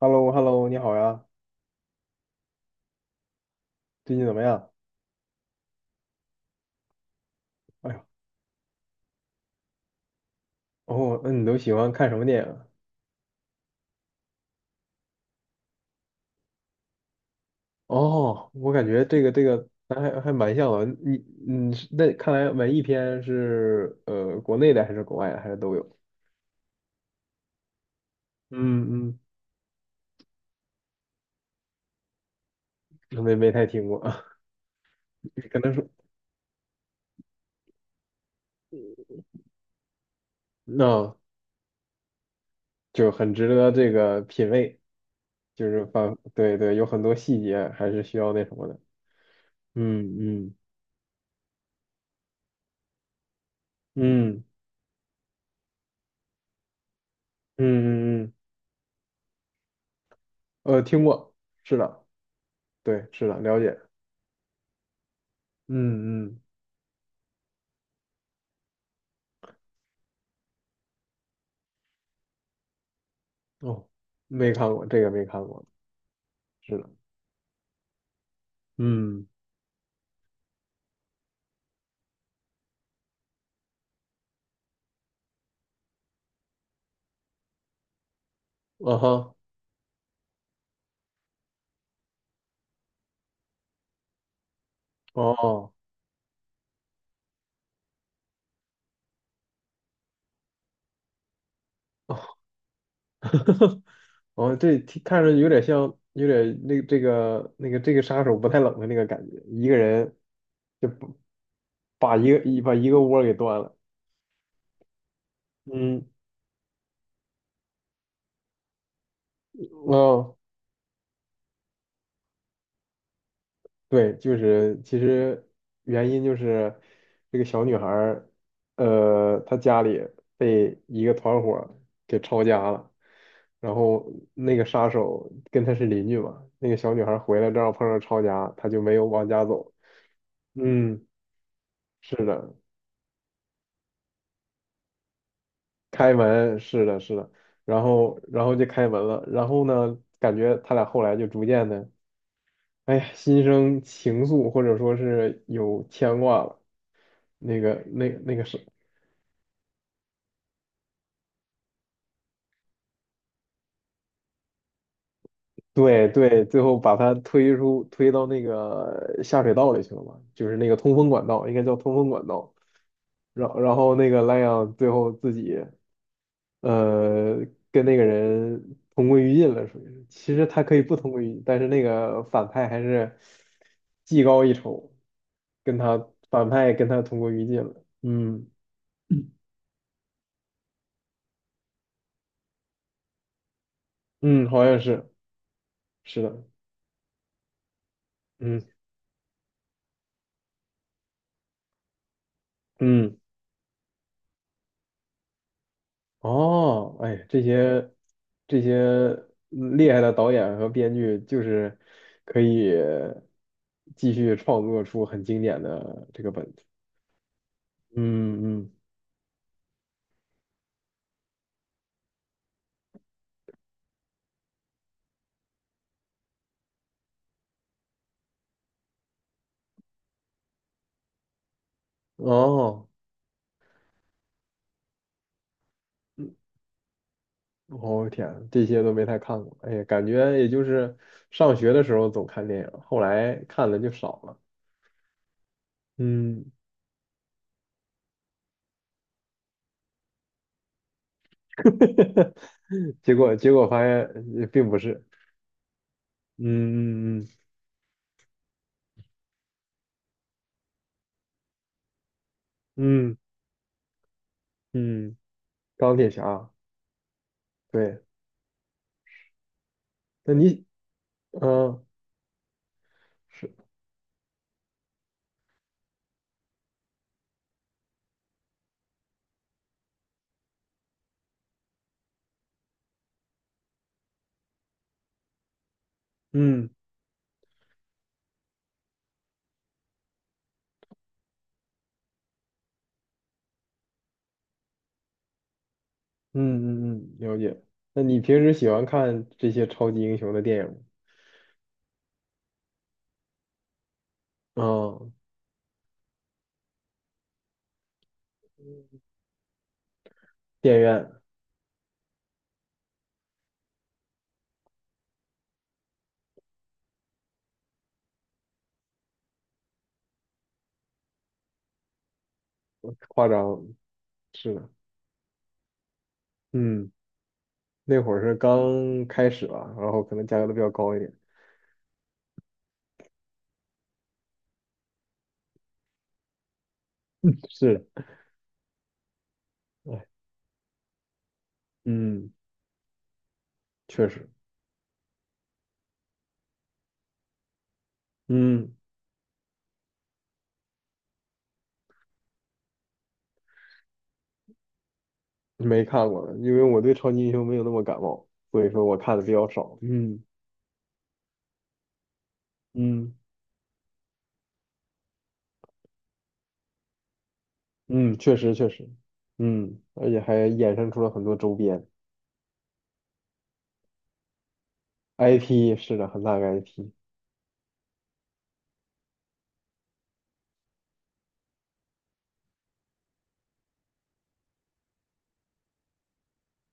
h e l l o h e l l o 你好呀，最近怎么样？哎呦，哦，那你都喜欢看什么电影啊。哦，我感觉这个咱还蛮像的。你是那看来文艺片是国内的还是国外的还是都有？嗯嗯，没太听过。可能是那、就很值得这个品味，就是反对，有很多细节还是需要那什么的。嗯嗯嗯嗯嗯嗯，听过，是的，对，是的，了解。嗯嗯。哦，没看过这个，没看过，是的，嗯，啊哈，哦哦，这听看着有点像，有点那这个杀手不太冷的那个感觉，一个人就把一个一个窝给端了，嗯，哦。对，就是其实原因就是这个小女孩儿，她家里被一个团伙儿给抄家了，然后那个杀手跟她是邻居嘛，那个小女孩儿回来正好碰上抄家，她就没有往家走。嗯，是的，开门，是的，是的，然后就开门了，然后呢，感觉他俩后来就逐渐的，哎呀，心生情愫，或者说是有牵挂了。那个是。对对，最后把他推到那个下水道里去了嘛，就是那个通风管道，应该叫通风管道。然后那个莱昂最后自己呃跟那个人同归于尽了，属于是其实他可以不同归于尽，但是那个反派还是技高一筹，跟他同归于尽了。嗯嗯，好像是。是的，嗯嗯。哦，哎，这些厉害的导演和编剧，就是可以继续创作出很经典的这个本子。嗯嗯，哦，嗯，我、天啊，这些都没太看过。哎呀，感觉也就是上学的时候总看电影，后来看的就少了。嗯，结果发现并不是。嗯嗯嗯嗯嗯，钢铁侠，对，那你嗯。是。嗯嗯嗯嗯，了解。那你平时喜欢看这些超级英雄的电影吗？嗯，电影院，夸张，是的，嗯，那会儿是刚开始吧，然后可能价格都比较高一点。是的，哎，嗯，确实，嗯，没看过了因为我对超级英雄没有那么感冒，所以说我看的比较少。嗯嗯嗯，确实，嗯，而且还衍生出了很多周边 IP,是的，很大个 IP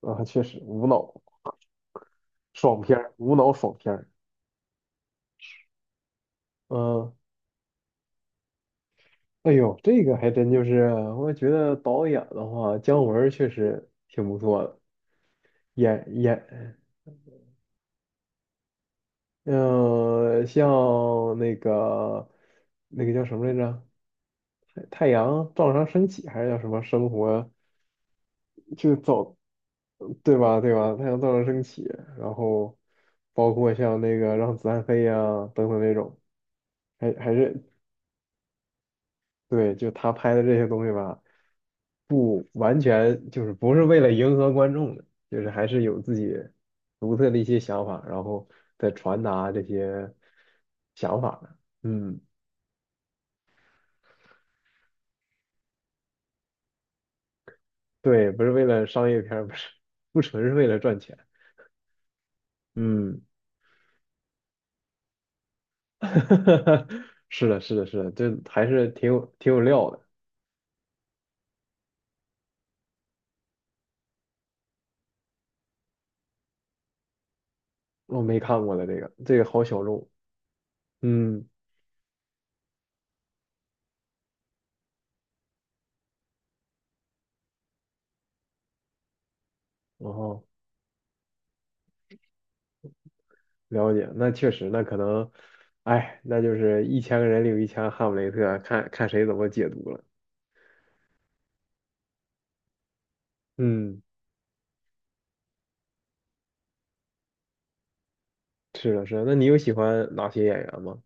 啊，确实无脑。爽片儿，无脑爽片儿。嗯，哎呦，这个还真就是，我觉得导演的话，姜文儿确实挺不错的，演演，嗯、像那个那个叫什么来着，太阳照常升起还是叫什么生活，就走，对吧？对吧？太阳照常升起，然后包括像那个让子弹飞呀、等等那种，还还是对，就他拍的这些东西吧，不完全就是不是为了迎合观众的，就是还是有自己独特的一些想法，然后再传达这些想法的。嗯，对，不是为了商业片儿，不是，不纯是为了赚钱。嗯，是的，这还是挺有料的。我没看过的这个，这个好小众。嗯，然后，了解，那确实，那可能，哎，那就是一千个人里有一千个哈姆雷特，看看谁怎么解读了。嗯，是的，是的。那你有喜欢哪些演员吗？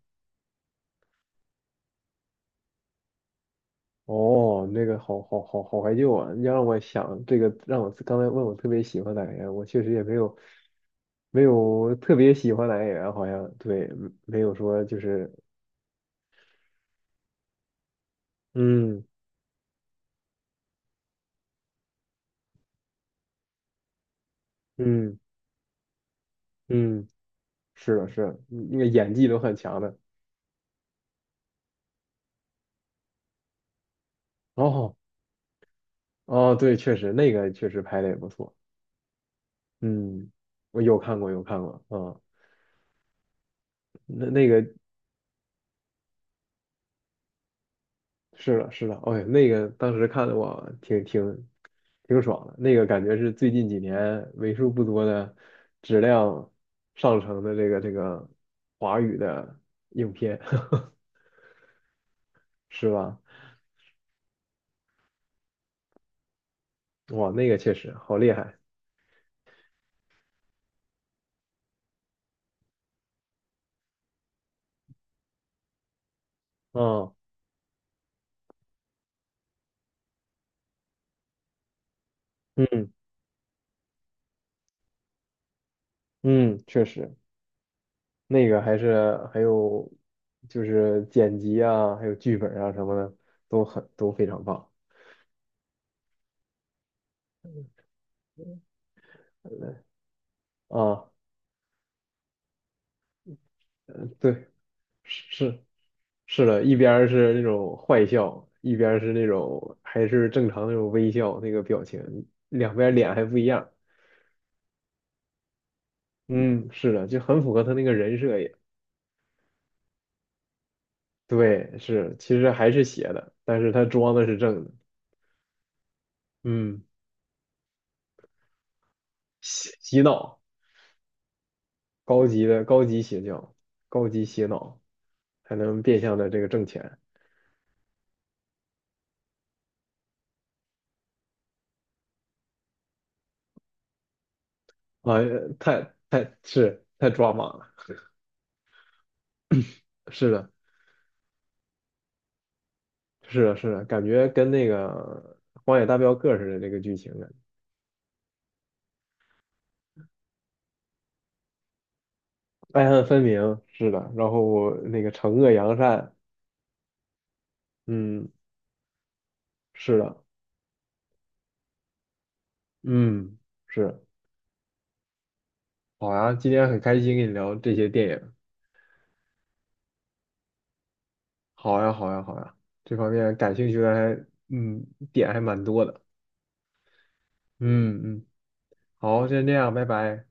哦，那个好怀旧啊！你要让我想这个，让我刚才问我特别喜欢哪个演员，我确实也没有特别喜欢哪个演员，好像对，没有说就是，嗯嗯嗯，是的，是的，那个演技都很强的。哦哦，对，确实那个确实拍的也不错。嗯，我有看过，有看过，啊，那那个是的，是的，哎，那个当时看的我挺爽的，那个感觉是最近几年为数不多的质量上乘的这个华语的影片。是吧？哇，那个确实好厉害，啊，嗯嗯，确实，那个还有就是剪辑啊，还有剧本啊什么的，都非常棒。啊，对，是。是，是的，一边儿是那种坏笑，一边儿是那种还是正常那种微笑那个表情，两边儿脸还不一样。嗯，是的，就很符合他那个人设也。对，是，其实还是邪的，但是他装的是正的。嗯，洗脑，高级邪教，高级洗脑，才能变相的这个挣钱啊！太抓马了。是的，是的，感觉跟那个《荒野大镖客》似的这个剧情啊。爱恨分明，是的。然后那个惩恶扬善，嗯，是的，嗯，是。好呀，今天很开心跟你聊这些电影。好呀，好呀，好呀，这方面感兴趣的还，嗯，点还蛮多的。嗯嗯，好，先这样，拜拜。